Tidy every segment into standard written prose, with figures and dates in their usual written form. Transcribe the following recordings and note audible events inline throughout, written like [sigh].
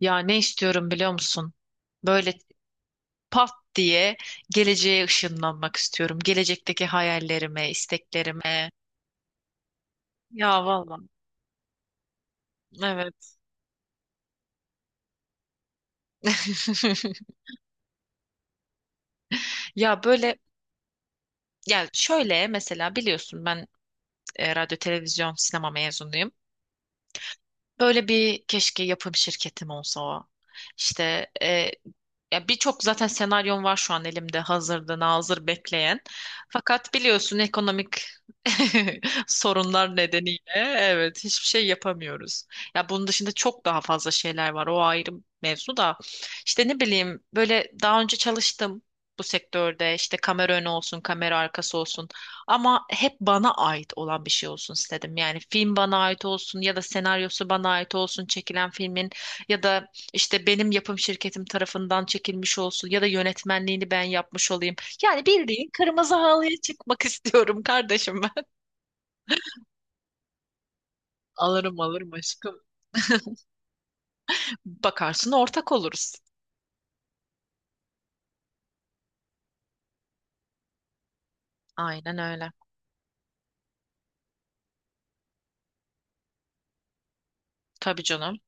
Ya ne istiyorum biliyor musun? Böyle pat diye geleceğe ışınlanmak istiyorum. Gelecekteki hayallerime, isteklerime. Ya vallahi. Evet. [laughs] Ya böyle ya şöyle mesela biliyorsun ben radyo, televizyon, sinema mezunuyum. Böyle bir keşke yapım şirketim olsa. O. İşte ya birçok zaten senaryon var şu an elimde hazırda nazır bekleyen. Fakat biliyorsun ekonomik [laughs] sorunlar nedeniyle evet hiçbir şey yapamıyoruz. Ya bunun dışında çok daha fazla şeyler var. O ayrı mevzu da. İşte ne bileyim böyle daha önce çalıştım bu sektörde. İşte kamera önü olsun, kamera arkası olsun. Ama hep bana ait olan bir şey olsun istedim. Yani film bana ait olsun ya da senaryosu bana ait olsun çekilen filmin ya da işte benim yapım şirketim tarafından çekilmiş olsun ya da yönetmenliğini ben yapmış olayım. Yani bildiğin kırmızı halıya çıkmak [laughs] istiyorum kardeşim ben. Alırım alırım aşkım. Bakarsın ortak oluruz. Aynen öyle. Tabii canım.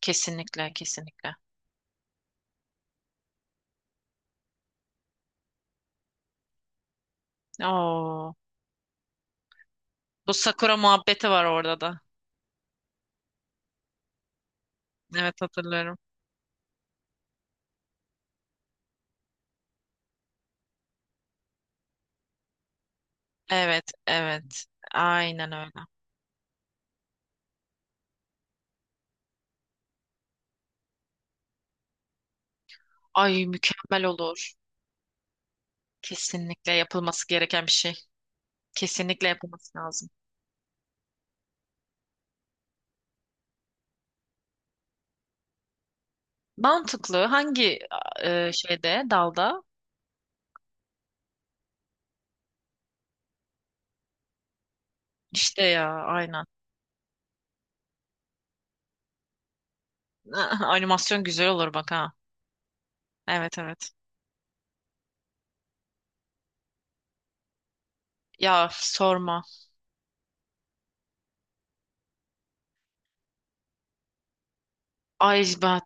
Kesinlikle kesinlikle. Oo, bu Sakura muhabbeti var orada da. Evet hatırlıyorum. Evet evet. Aynen öyle. Ay mükemmel olur. Kesinlikle yapılması gereken bir şey. Kesinlikle yapılması lazım. Mantıklı. Hangi şeyde, dalda? İşte ya, aynen. [laughs] Animasyon güzel olur bak ha. Evet evet. Ya sorma. Ay ben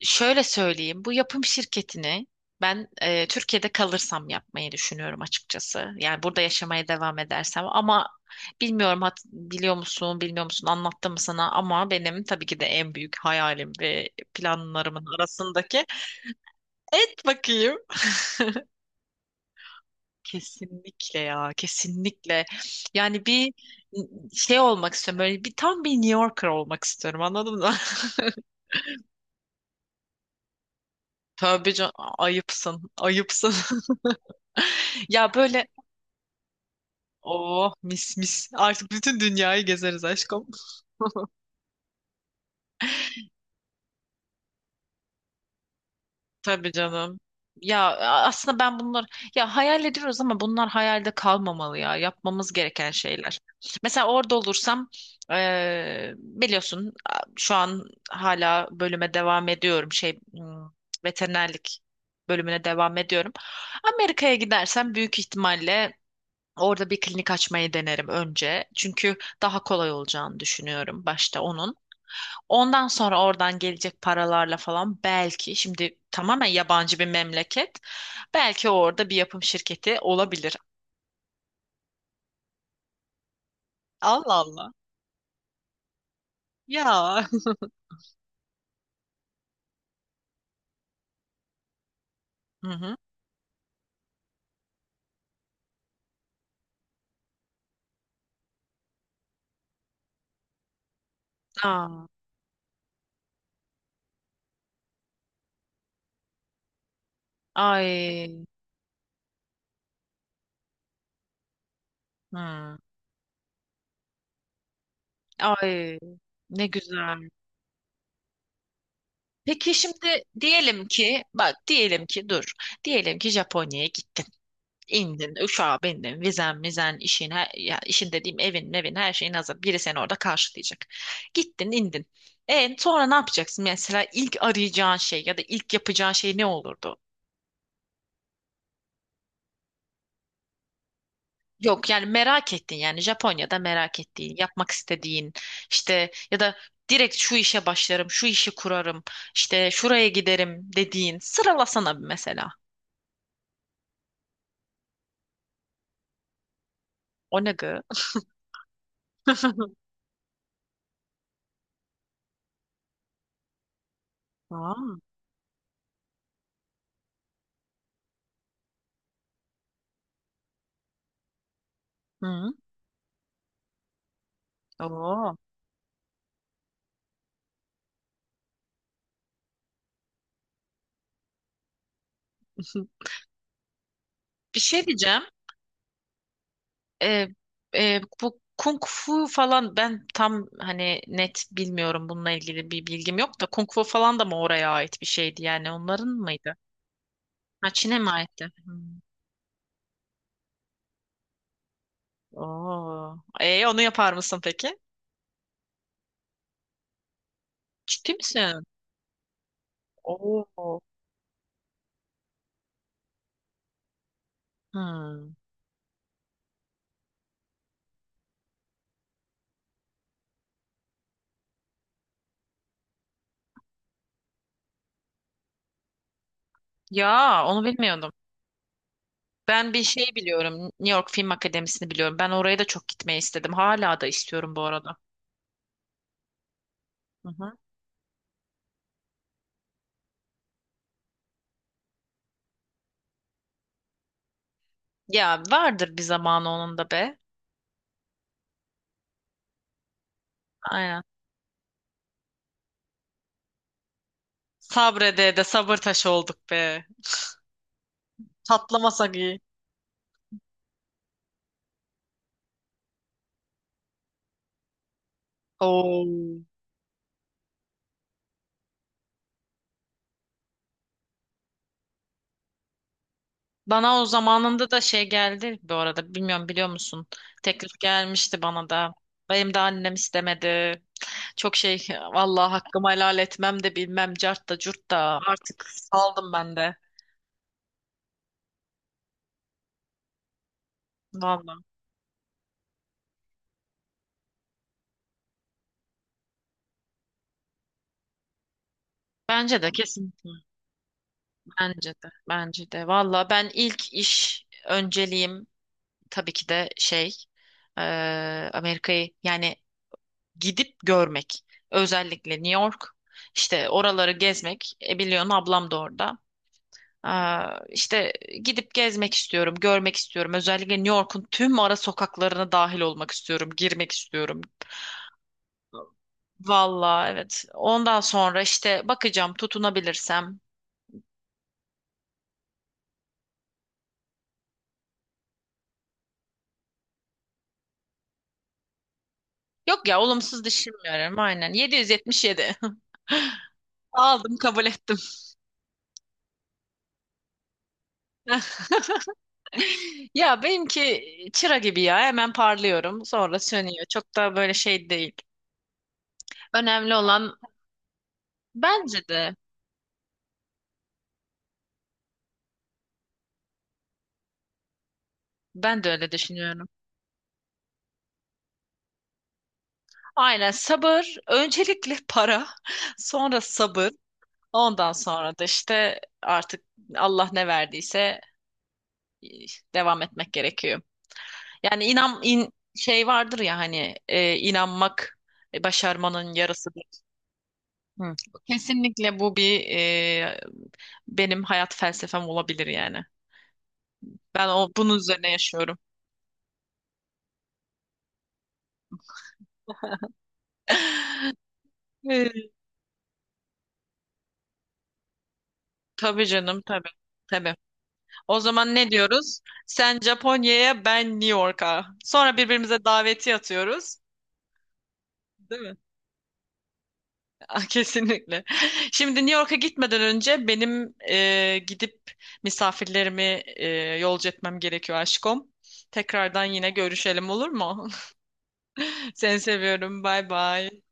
şöyle söyleyeyim, bu yapım şirketini ben Türkiye'de kalırsam yapmayı düşünüyorum açıkçası. Yani burada yaşamaya devam edersem ama bilmiyorum biliyor musun, bilmiyor musun anlattım mı sana ama benim tabii ki de en büyük hayalim ve planlarımın arasındaki et bakayım. Kesinlikle ya, kesinlikle. Yani bir olmak istiyorum, böyle bir tam bir New Yorker olmak istiyorum anladın mı? [laughs] Tabii can ayıpsın, ayıpsın. [laughs] Ya böyle oh mis mis. Artık bütün dünyayı gezeriz aşkım. [laughs] Tabii canım. Ya aslında ben bunlar ya hayal ediyoruz ama bunlar hayalde kalmamalı ya. Yapmamız gereken şeyler. Mesela orada olursam biliyorsun şu an hala bölüme devam ediyorum. Şey veterinerlik bölümüne devam ediyorum. Amerika'ya gidersem büyük ihtimalle orada bir klinik açmayı denerim önce. Çünkü daha kolay olacağını düşünüyorum başta onun. Ondan sonra oradan gelecek paralarla falan belki şimdi tamamen yabancı bir memleket. Belki orada bir yapım şirketi olabilir. Allah Allah. Ya. Hı hı. Aa, ay, hı, ay, ne güzel. Peki şimdi diyelim ki, bak diyelim ki dur, diyelim ki Japonya'ya gittin. İndin, uçağa bindin, vizen, mizen, işin, her, ya işin dediğim evin, evin, her şeyin hazır. Biri seni orada karşılayacak. Gittin, indin. E sonra ne yapacaksın? Mesela ilk arayacağın şey ya da ilk yapacağın şey ne olurdu? Yok yani merak ettin yani Japonya'da merak ettiğin, yapmak istediğin işte ya da direkt şu işe başlarım, şu işi kurarım, işte şuraya giderim dediğin sıralasana bir mesela. O ne gı? [laughs] Aa, hı, oo. [laughs] Bir şey diyeceğim. e, Bu kung fu falan ben tam hani net bilmiyorum bununla ilgili bir bilgim yok da kung fu falan da mı oraya ait bir şeydi yani onların mıydı? Ha Çin'e mi aitti? Hmm. Oo. E onu yapar mısın peki? Ciddi misin? Oo. Hmm. Ya onu bilmiyordum. Ben bir şey biliyorum. New York Film Akademisi'ni biliyorum. Ben oraya da çok gitmeyi istedim. Hala da istiyorum bu arada. Hı hı. Ya vardır bir zamanı onun da be. Aynen. Sabrede de sabır taşı olduk be. Patlamasak iyi. Oo. Bana o zamanında da şey geldi bu arada. Bilmiyorum biliyor musun? Teklif gelmişti bana da. Benim de annem istemedi. Çok şey vallahi hakkımı helal etmem de bilmem cart da curt da artık saldım ben de. Vallahi. Bence de kesinlikle. Bence de. Bence de. Vallahi ben ilk iş önceliğim tabii ki de şey Amerika'yı yani gidip görmek. Özellikle New York, işte oraları gezmek. E, biliyorsun ablam da orada. Aa, işte gidip gezmek istiyorum, görmek istiyorum. Özellikle New York'un tüm ara sokaklarına dahil olmak istiyorum, girmek istiyorum. Valla evet. Ondan sonra işte bakacağım tutunabilirsem. Yok ya olumsuz düşünmüyorum aynen. 777. [laughs] Aldım kabul ettim. [laughs] Ya benimki çıra gibi ya hemen parlıyorum sonra sönüyor. Çok da böyle şey değil. Önemli olan bence de ben de öyle düşünüyorum. Aynen sabır, öncelikle para, [laughs] sonra sabır, ondan sonra da işte artık Allah ne verdiyse e, devam etmek gerekiyor. Yani şey vardır ya hani inanmak başarmanın yarısıdır. Hı. Kesinlikle bu bir benim hayat felsefem olabilir yani. Ben o bunun üzerine yaşıyorum. [laughs] E, tabii canım tabii. Tabii. O zaman ne diyoruz? Sen Japonya'ya, ben New York'a. Sonra birbirimize daveti atıyoruz. Değil mi? [laughs] Ah, kesinlikle. Şimdi New York'a gitmeden önce benim gidip misafirlerimi e, yolcu etmem gerekiyor aşkım. Tekrardan yine görüşelim olur mu? [laughs] Seni seviyorum. Bay bay.